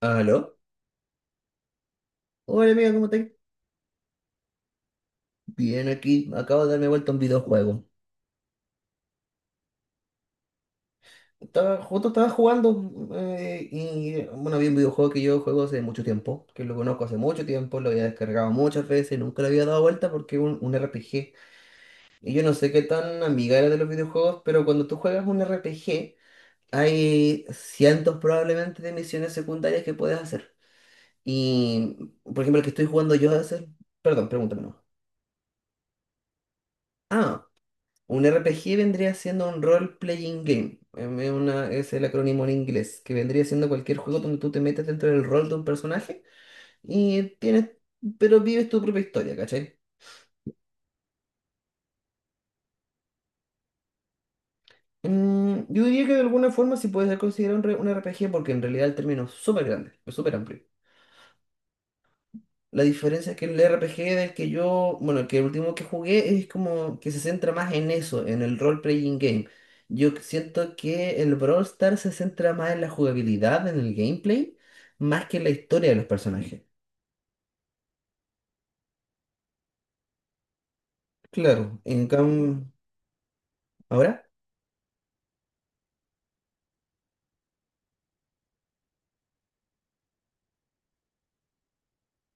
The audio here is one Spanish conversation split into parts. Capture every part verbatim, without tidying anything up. ¿Aló? Hola amiga, ¿cómo estás? Bien, aquí acabo de darme vuelta a un videojuego. Estaba, justo estaba jugando eh, y bueno, había un videojuego que yo juego hace mucho tiempo, que lo conozco hace mucho tiempo, lo había descargado muchas veces, nunca le había dado vuelta porque es un, un R P G. Y yo no sé qué tan amiga era de los videojuegos, pero cuando tú juegas un R P G, hay cientos probablemente de misiones secundarias que puedes hacer. Y, por ejemplo, el que estoy jugando yo es el. Perdón, pregúntame. No. Ah, un R P G vendría siendo un role-playing game. em, Es, una- es el acrónimo en inglés, que vendría siendo cualquier juego donde tú te metes dentro del rol de un personaje y tienes, pero vives tu propia historia, ¿cachai? Mm, yo diría que de alguna forma sí puede ser considerado un, re- un R P G porque en realidad el término es súper grande, es súper amplio. La diferencia es que el R P G del que yo, bueno, el que el último que jugué es como que se centra más en eso, en el role-playing game. Yo siento que el Brawl Stars se centra más en la jugabilidad, en el gameplay, más que en la historia de los personajes. Claro, en cam ahora.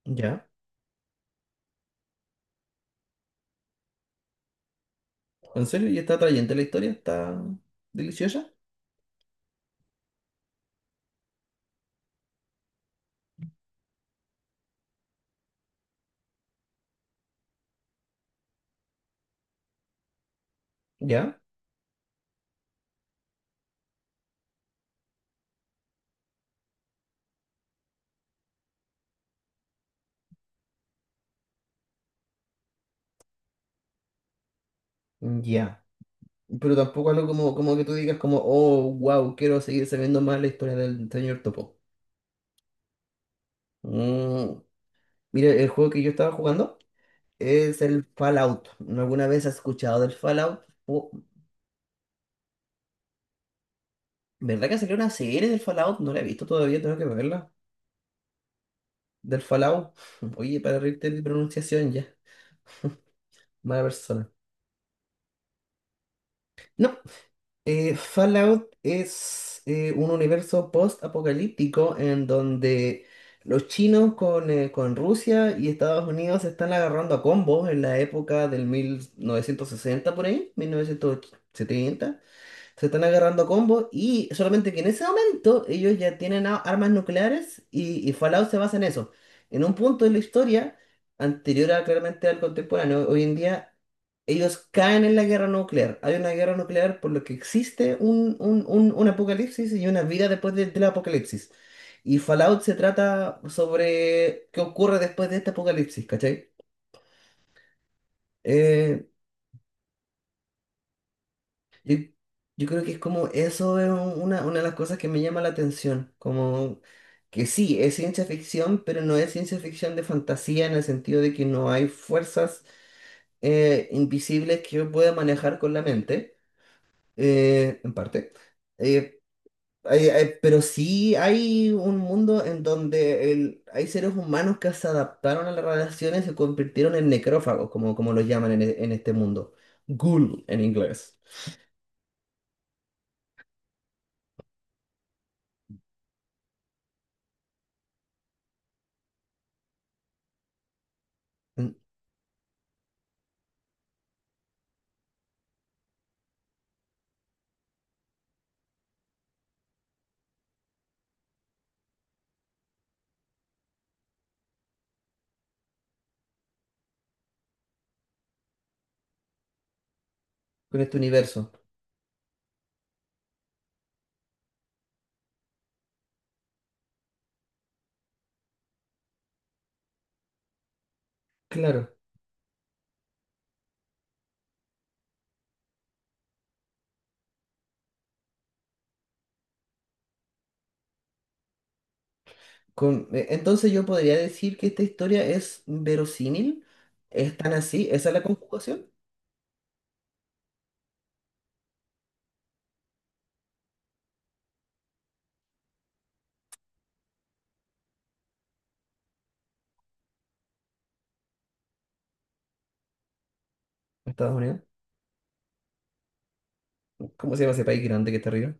Ya. ¿En serio? ¿Y está atrayente la historia? ¿Está deliciosa? Ya, ya. Pero tampoco algo como, como que tú digas como, oh, wow, quiero seguir sabiendo más la historia del señor Topo. Mm, Mira, el juego que yo estaba jugando. Es el Fallout. ¿No? ¿Alguna vez has escuchado del Fallout? Oh, ¿verdad que salió una serie del Fallout? No la he visto todavía, tengo que verla. Del Fallout. Oye, para reírte de mi pronunciación ya. Mala persona. No, eh, Fallout es eh, un universo post-apocalíptico en donde los chinos con, eh, con Rusia y Estados Unidos se están agarrando a combos en la época del mil novecientos sesenta por ahí, mil novecientos setenta. Se están agarrando a combos y solamente que en ese momento ellos ya tienen a- armas nucleares y, y Fallout se basa en eso. En un punto de la historia, anterior a, claramente al contemporáneo, hoy en día ellos caen en la guerra nuclear. Hay una guerra nuclear por lo que existe un, un- un- un apocalipsis y una vida después de- del apocalipsis. Y Fallout se trata sobre qué ocurre después de este apocalipsis, ¿cachai? Eh, Yo, yo creo que es como eso es un- una, una de las cosas que me llama la atención, como que sí, es ciencia ficción, pero no es ciencia ficción de fantasía en el sentido de que no hay fuerzas eh, invisibles que yo pueda manejar con la mente, eh, en parte. Eh, hay- hay- pero sí hay un mundo en donde el- hay seres humanos que se adaptaron a las radiaciones y se convirtieron en necrófagos, como, como los llaman en, e- en este mundo. Ghoul en inglés. Mm, Con este universo. Claro. Con, eh, entonces yo podría decir que esta historia es verosímil. ¿Es tan así? ¿Esa es la conjugación? Estados Unidos. ¿Cómo se llama ese país grande que está arriba?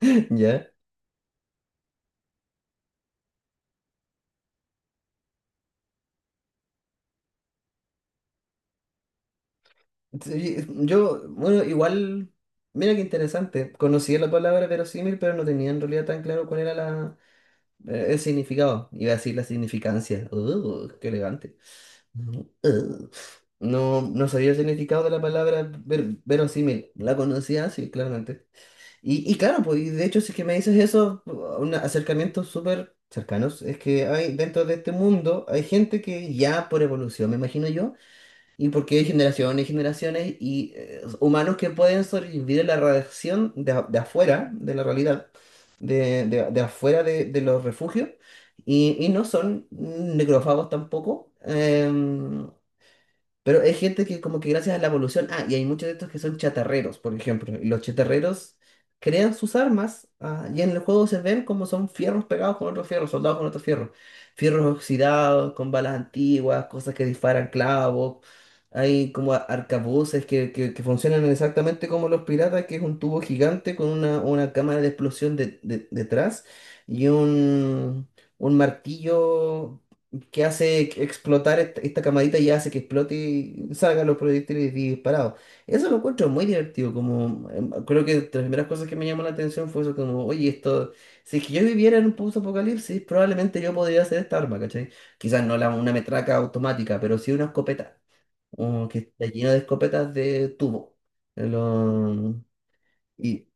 Ya. Sí, yo, bueno, igual, mira qué interesante. Conocía la palabra verosímil, pero no tenía en realidad tan claro cuál era la. Eh, El significado, iba a decir la significancia. Uh, qué elegante. Ujú. Uh. No, no sabía el significado de la palabra ver- verosímil. La conocía, sí, claramente. Y, y claro, pues, y de hecho, si es que me dices eso, un acercamiento súper cercanos, es que hay dentro de este mundo, hay gente que ya por evolución, me imagino yo y porque hay generaciones y generaciones y eh, humanos que pueden sobrevivir a la radiación de, a- de afuera, de la realidad, de, de- de afuera de, de los refugios, y, y no son necrófagos tampoco. Em, pero hay gente que como que gracias a la evolución, ah, y hay muchos de estos que son chatarreros, por ejemplo, y los chatarreros crean sus armas, ah, y en el juego se ven como son fierros pegados con otros fierros, soldados con otros fierros, fierros oxidados, con balas antiguas, cosas que disparan clavos, hay como a- arcabuces que, que, que funcionan exactamente como los piratas, que es un tubo gigante con una, una cámara de explosión de- de- detrás y un, un martillo que hace explotar esta, esta camadita y hace que explote y salgan los proyectiles disparados. Eso lo encuentro muy divertido, como em, creo que de las primeras cosas que me llamó la atención fue eso, como, oye, esto, si es que yo viviera en un post-apocalipsis, probablemente yo podría hacer esta arma, ¿cachai? Quizás no la, una metraca automática, pero sí una escopeta, o que está lleno de escopetas de tubo. Eh, lo- y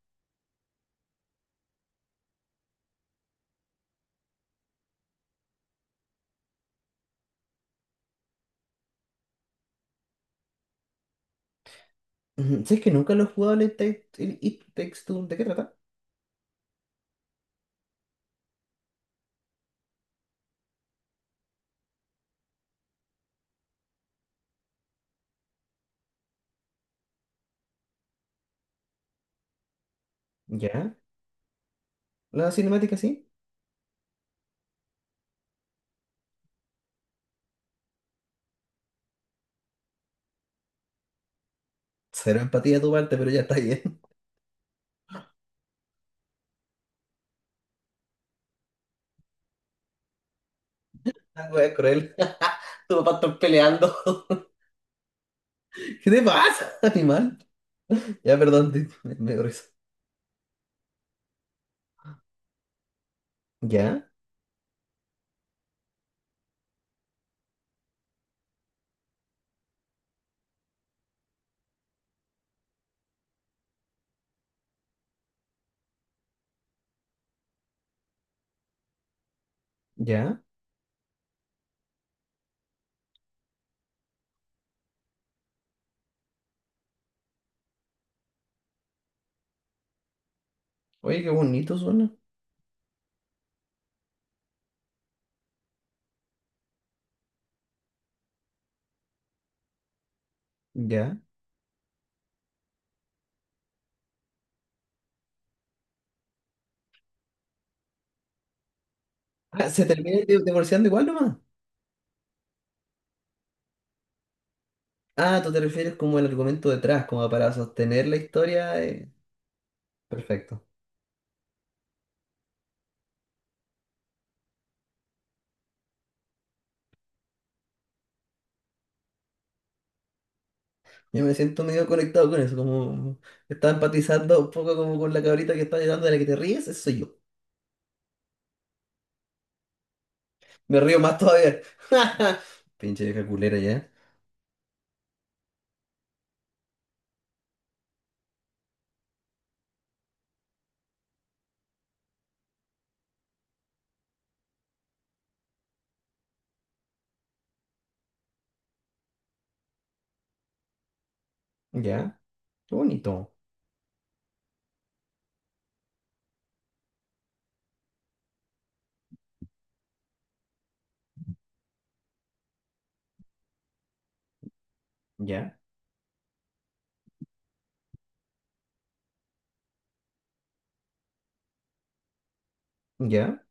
Ujú, si es que nunca lo he jugado el It Takes el It Takes Two, ¿de qué trata? ¿Ya? ¿La cinemática sí? Cero empatía de tu parte, pero ya está ahí. La wea es cruel. Tu papá están peleando. ¿Qué te pasa, animal? Ya, perdón, te- me, me dio risa. Ya, ya. Oye, qué bonito suena. Ya. Ah, se termina di- divorciando igual nomás. Ah, tú te refieres como el argumento detrás, como para sostener la historia. eh. Perfecto. Yo me siento medio conectado con eso, como estaba empatizando un poco como con la cabrita que está llorando de la que te ríes, eso soy yo. Me río más todavía. Pinche vieja culera ya. Ya. Qué bonito. Ya. Ya.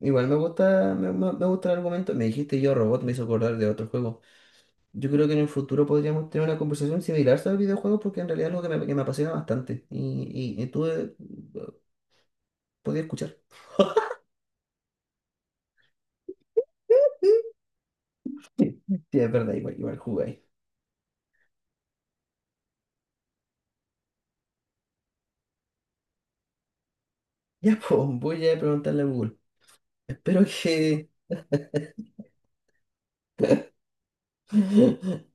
Igual me gusta, me, me- me gusta el argumento. Me dijiste yo robot, me hizo acordar de otro juego. Yo creo que en el futuro podríamos tener una conversación similar sobre videojuegos porque en realidad es algo que me, que me apasiona bastante. Y, y, y tú eh, podías escuchar. Sí, sí, es verdad, igual, igual jugáis. Ya, pues, voy a preguntarle a Google. Espero que.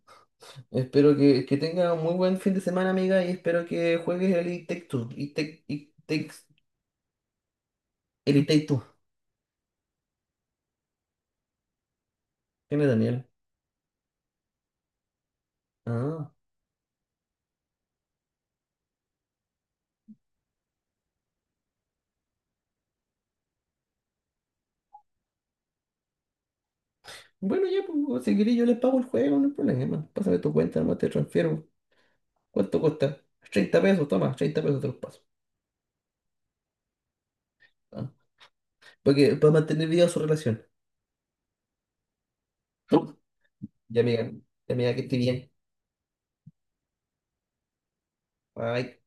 Espero que, que tenga un muy buen fin de semana, amiga, y espero que juegues el It Takes Two. It Take- It Takes- el It Takes Two. ¿Quién es Daniel? Ah. Bueno, ya, pues, si querés yo les pago el juego, no hay problema. Pásame tu cuenta, nomás te transfiero. ¿Cuánto cuesta? Treinta pesos, toma, treinta pesos te los paso. Ah, porque para mantener viva su relación. Ya, amiga, ya, amiga, que esté bien. Bye.